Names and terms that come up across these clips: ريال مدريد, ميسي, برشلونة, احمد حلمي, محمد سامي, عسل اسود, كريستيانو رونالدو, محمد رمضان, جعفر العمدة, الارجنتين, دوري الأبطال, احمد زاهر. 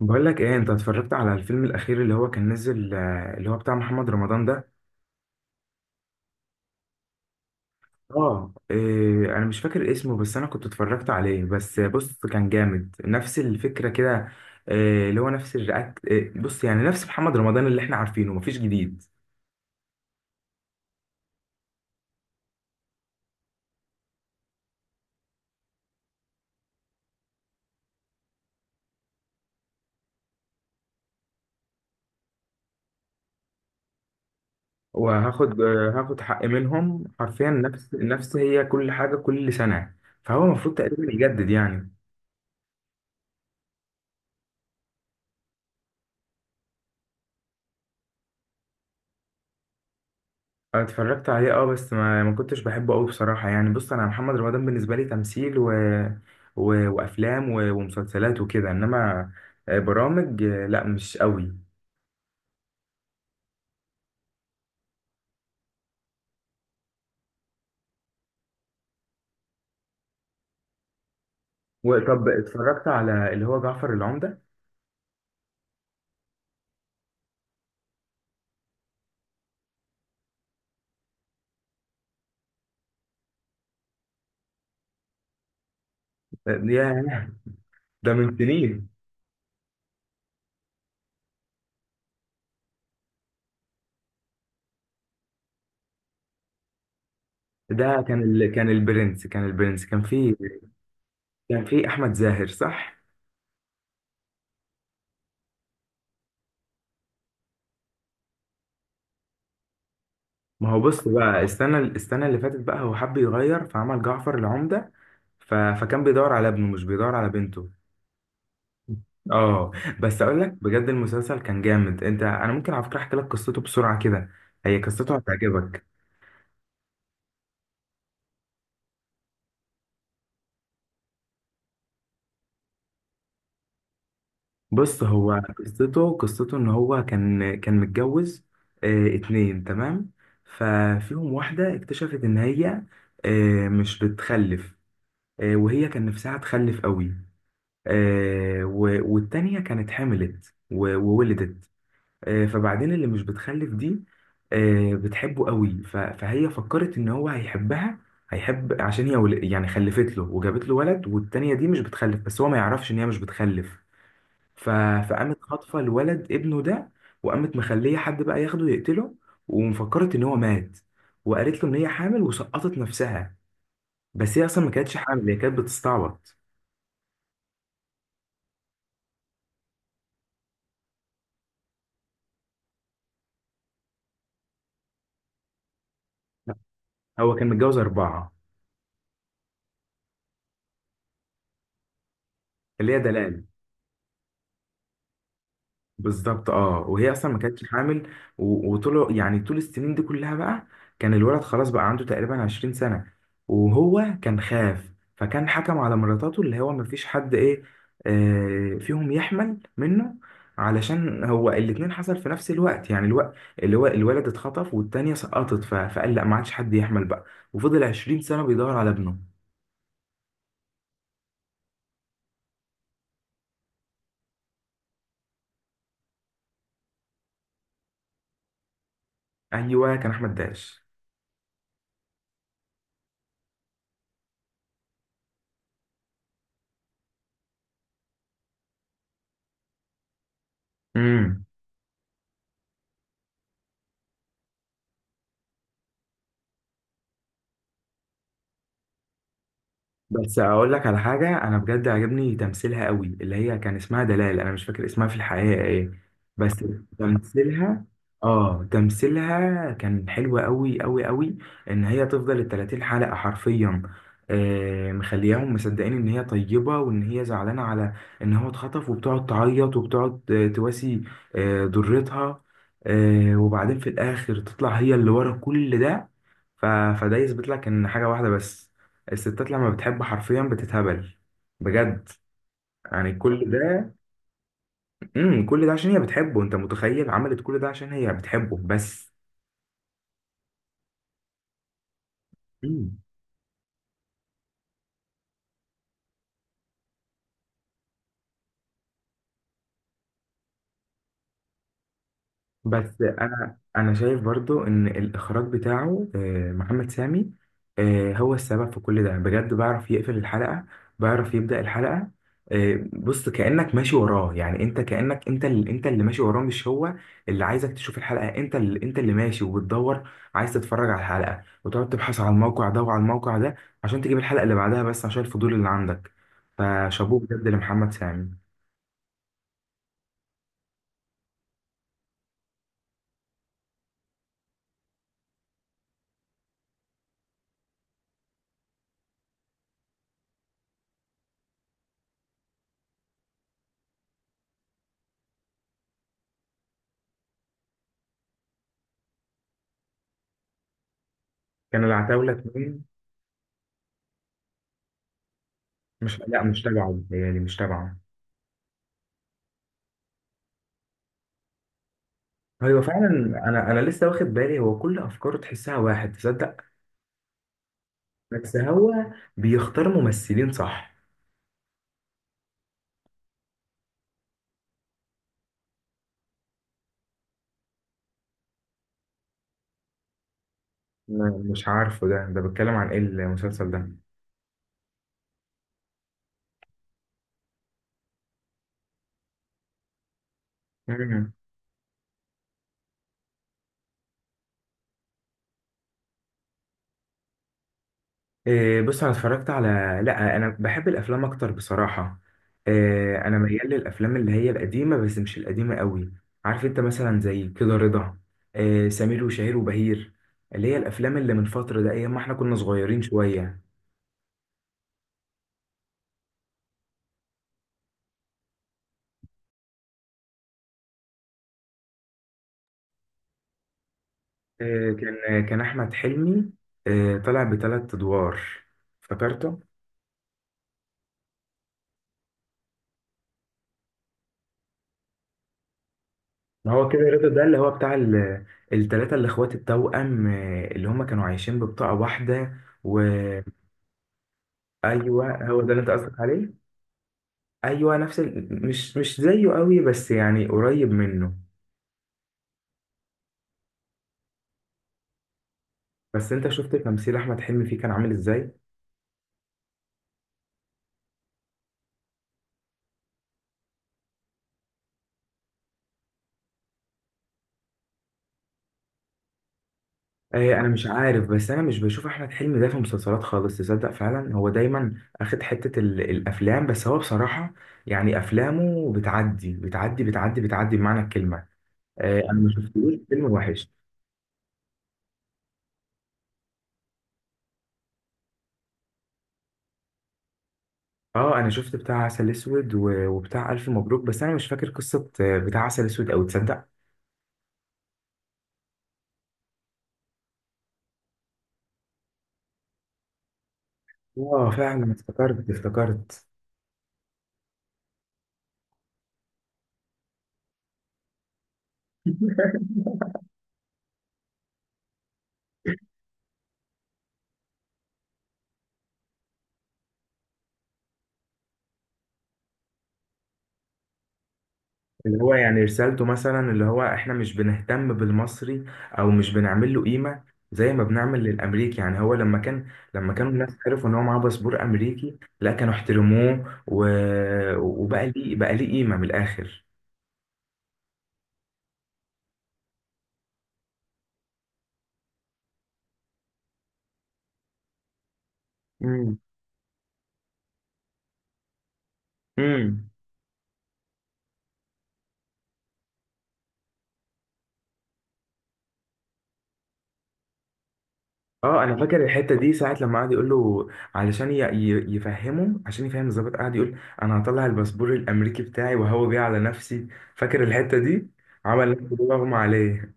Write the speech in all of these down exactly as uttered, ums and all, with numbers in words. بقول لك ايه، انت اتفرجت على الفيلم الاخير اللي هو كان نزل، آه، اللي هو بتاع محمد رمضان ده؟ اه إيه انا مش فاكر اسمه، بس انا كنت اتفرجت عليه. بس بص، كان جامد نفس الفكره كده. إيه اللي هو نفس الرياكت، إيه بص يعني نفس محمد رمضان اللي احنا عارفينه، مفيش جديد. وهاخد، آه، هاخد حق منهم حرفيا، نفس نفس هي كل حاجه، كل سنه. فهو المفروض تقريبا يجدد يعني. أنا اتفرجت عليه، اه، بس ما ما كنتش بحبه قوي بصراحة. يعني بص، انا محمد رمضان بالنسبة لي تمثيل و... و... وافلام و... ومسلسلات وكده، انما آه، برامج، آه، لا، مش قوي. وطب، اتفرجت على اللي هو جعفر العمدة؟ آه، ياه، ده من سنين. ده كان ال... كان البرنس كان البرنس، كان فيه، كان فيه احمد زاهر، صح؟ ما هو، بص بقى، السنة السنة اللي فاتت، بقى هو حب يغير، فعمل جعفر العمدة. ف... فكان بيدور على ابنه، مش بيدور على بنته. اه بس اقول لك بجد، المسلسل كان جامد. انت، انا ممكن على فكره احكي لك قصته بسرعه كده، هي قصته هتعجبك. بص، هو قصته قصته ان هو كان كان متجوز. اه، اتنين، تمام. ففيهم واحده اكتشفت ان هي، اه، مش بتخلف. اه، وهي كان نفسها تخلف قوي. اه، و- والتانيه كانت حملت و- وولدت. آه، فبعدين، اللي مش بتخلف دي، آه، بتحبه قوي. ف- فهي فكرت ان هو هيحبها، هيحب عشان هي ول- يعني خلفت له وجابت له ولد. والتانية دي مش بتخلف، بس هو ما يعرفش ان هي مش بتخلف. ف- فقامت خاطفة الولد، ابنه ده، وقامت مخليه حد بقى ياخده يقتله، ومفكرت ان هو مات، وقالت له ان هي حامل وسقطت نفسها. بس هي اصلا ما كانتش حامل، هي كانت بتستعبط. هو كان متجوز اربعة، اللي هي دلال. بالظبط، اه، وهي اصلا ما كانتش حامل. و- وطول، يعني طول السنين دي كلها بقى، كان الولد خلاص بقى عنده تقريبا 20 سنة. وهو كان خاف، فكان حكم على مراتاته اللي هو ما فيش حد ايه، آه فيهم يحمل منه. علشان هو الاتنين حصل في نفس الوقت، يعني الوقت اللي هو الولد اتخطف والتانية سقطت. ف- فقال لا، ما عادش حد يحمل بقى. وفضل 20 سنة بيدور على ابنه. ايوه، كان احمد داش. بس اقول لك على حاجه، انا بجد عجبني تمثيلها قوي اللي هي كان اسمها دلال، انا مش فاكر اسمها في الحقيقه ايه. بس تمثيلها، اه تمثيلها كان حلو قوي قوي قوي، ان هي تفضل ال 30 حلقه حرفيا، آه مخلياهم مصدقين ان هي طيبه وان هي زعلانه على ان هو اتخطف، وبتقعد تعيط وبتقعد آه، تواسي آه ضرتها. آه وبعدين في الاخر، تطلع هي اللي ورا كل ده. ف... فده يثبت لك ان حاجه واحده بس، الستات لما بتحب حرفيا بتتهبل. بجد، يعني كل ده. امم كل ده عشان هي بتحبه، انت متخيل، عملت كل ده عشان هي بتحبه بس. مم. بس انا انا شايف برضو ان الاخراج بتاعه، آه، محمد سامي، آه، هو السبب في كل ده. بجد بيعرف يقفل الحلقة، بيعرف يبدأ الحلقة. آه، بص، كأنك ماشي وراه. يعني انت كأنك انت اللي انت اللي ماشي وراه، مش هو اللي عايزك تشوف الحلقة. انت اللي انت اللي ماشي وبتدور، عايز تتفرج على الحلقة، وتقعد تبحث على الموقع ده وعلى الموقع ده عشان تجيب الحلقة اللي بعدها، بس عشان الفضول اللي عندك. فشابوه بجد لمحمد سامي. كان العتاولة اتنين. مش لا، مش تبعه بيتهيألي، مش تبعه. ايوه فعلا. انا انا لسه واخد بالي، هو كل افكاره تحسها واحد، تصدق؟ بس هو بيختار ممثلين، صح؟ م- مش عارفه، ده ده بيتكلم عن ايه المسلسل ده؟ مم. إيه بص، انا اتفرجت على، لا، انا بحب الافلام اكتر بصراحه. إيه انا ميال للافلام اللي هي القديمه، بس مش القديمه قوي. عارف انت مثلا زي كده رضا، إيه سمير وشهير وبهير، اللي هي الافلام اللي من فتره، ده ايام ما احنا كنا صغيرين شويه. آه، كان آه، كان احمد حلمي، آه، طلع بثلاث ادوار، افتكرته. ما هو كده رضا ده، اللي هو بتاع ال- التلاتة الاخوات التوأم، آه، اللي هم كانوا عايشين ببطاقة واحدة. وايوه، هو ده اللي انت قصدك عليه. ايوه، نفس ال... مش مش زيه قوي، بس يعني قريب منه. بس انت شفت تمثيل احمد حلمي فيه كان عامل ازاي؟ إيه انا مش عارف، بس انا مش بشوف احمد حلمي ده في مسلسلات خالص، تصدق؟ فعلا هو دايما اخد حتة ال- الافلام بس. هو بصراحة يعني افلامه بتعدي بتعدي بتعدي بتعدي بمعنى الكلمة. إيه انا ما شفتلوش فيلم وحش. اه، انا شفت بتاع عسل اسود و- وبتاع الف مبروك، بس انا مش فاكر قصة آه، بتاع عسل اسود، او تصدق. اه فعلا، افتكرت افتكرت. اللي هو يعني رسالته، مثلا اللي هو احنا مش بنهتم بالمصري، او مش بنعمل له قيمه زي ما بنعمل للامريكي. يعني هو لما كان، لما كانوا الناس عرفوا ان هو معاه باسبور امريكي، لا كانوا احترموه و... وبقى ليه، بقى ليه قيمه من الاخر. امم امم اه، انا فاكر الحته دي، ساعه لما قعد يقول له، علشان ي... ي- يفهمه، عشان يفهم الظابط، قعد يقول انا هطلع الباسبور الامريكي بتاعي وهو بيه على نفسي. فاكر الحته دي؟ عمل نفسه بيغمى عليه.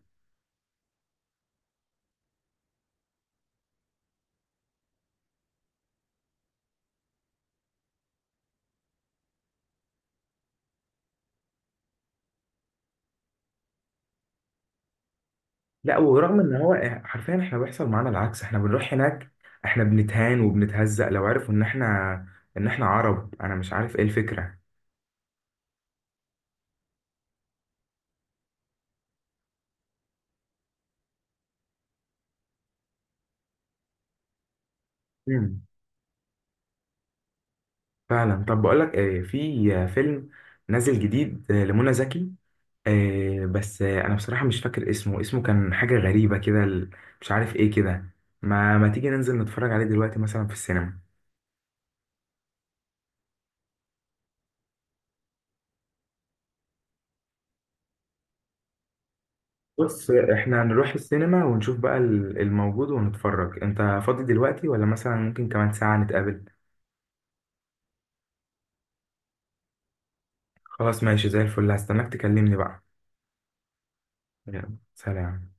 لا، ورغم ان هو، حرفيا احنا بيحصل معانا العكس، احنا بنروح هناك، احنا بنتهان وبنتهزق لو عرفوا ان احنا، ان احنا عرب، انا مش عارف ايه الفكرة. مم. فعلا. طب بقول لك ايه، في آه، فيلم نازل جديد آه، لمنى زكي. آه، بس آه، انا بصراحة مش فاكر اسمه، اسمه كان حاجة غريبة كده، ال- مش عارف ايه كده. ما ما تيجي ننزل نتفرج عليه دلوقتي، مثلا في السينما؟ بص، آه، احنا نروح السينما ونشوف بقى ال- الموجود ونتفرج. انت فاضي دلوقتي، ولا مثلا ممكن كمان ساعة نتقابل؟ خلاص، ماشي زي الفل، هستناك تكلمني بقى. يلا سلام.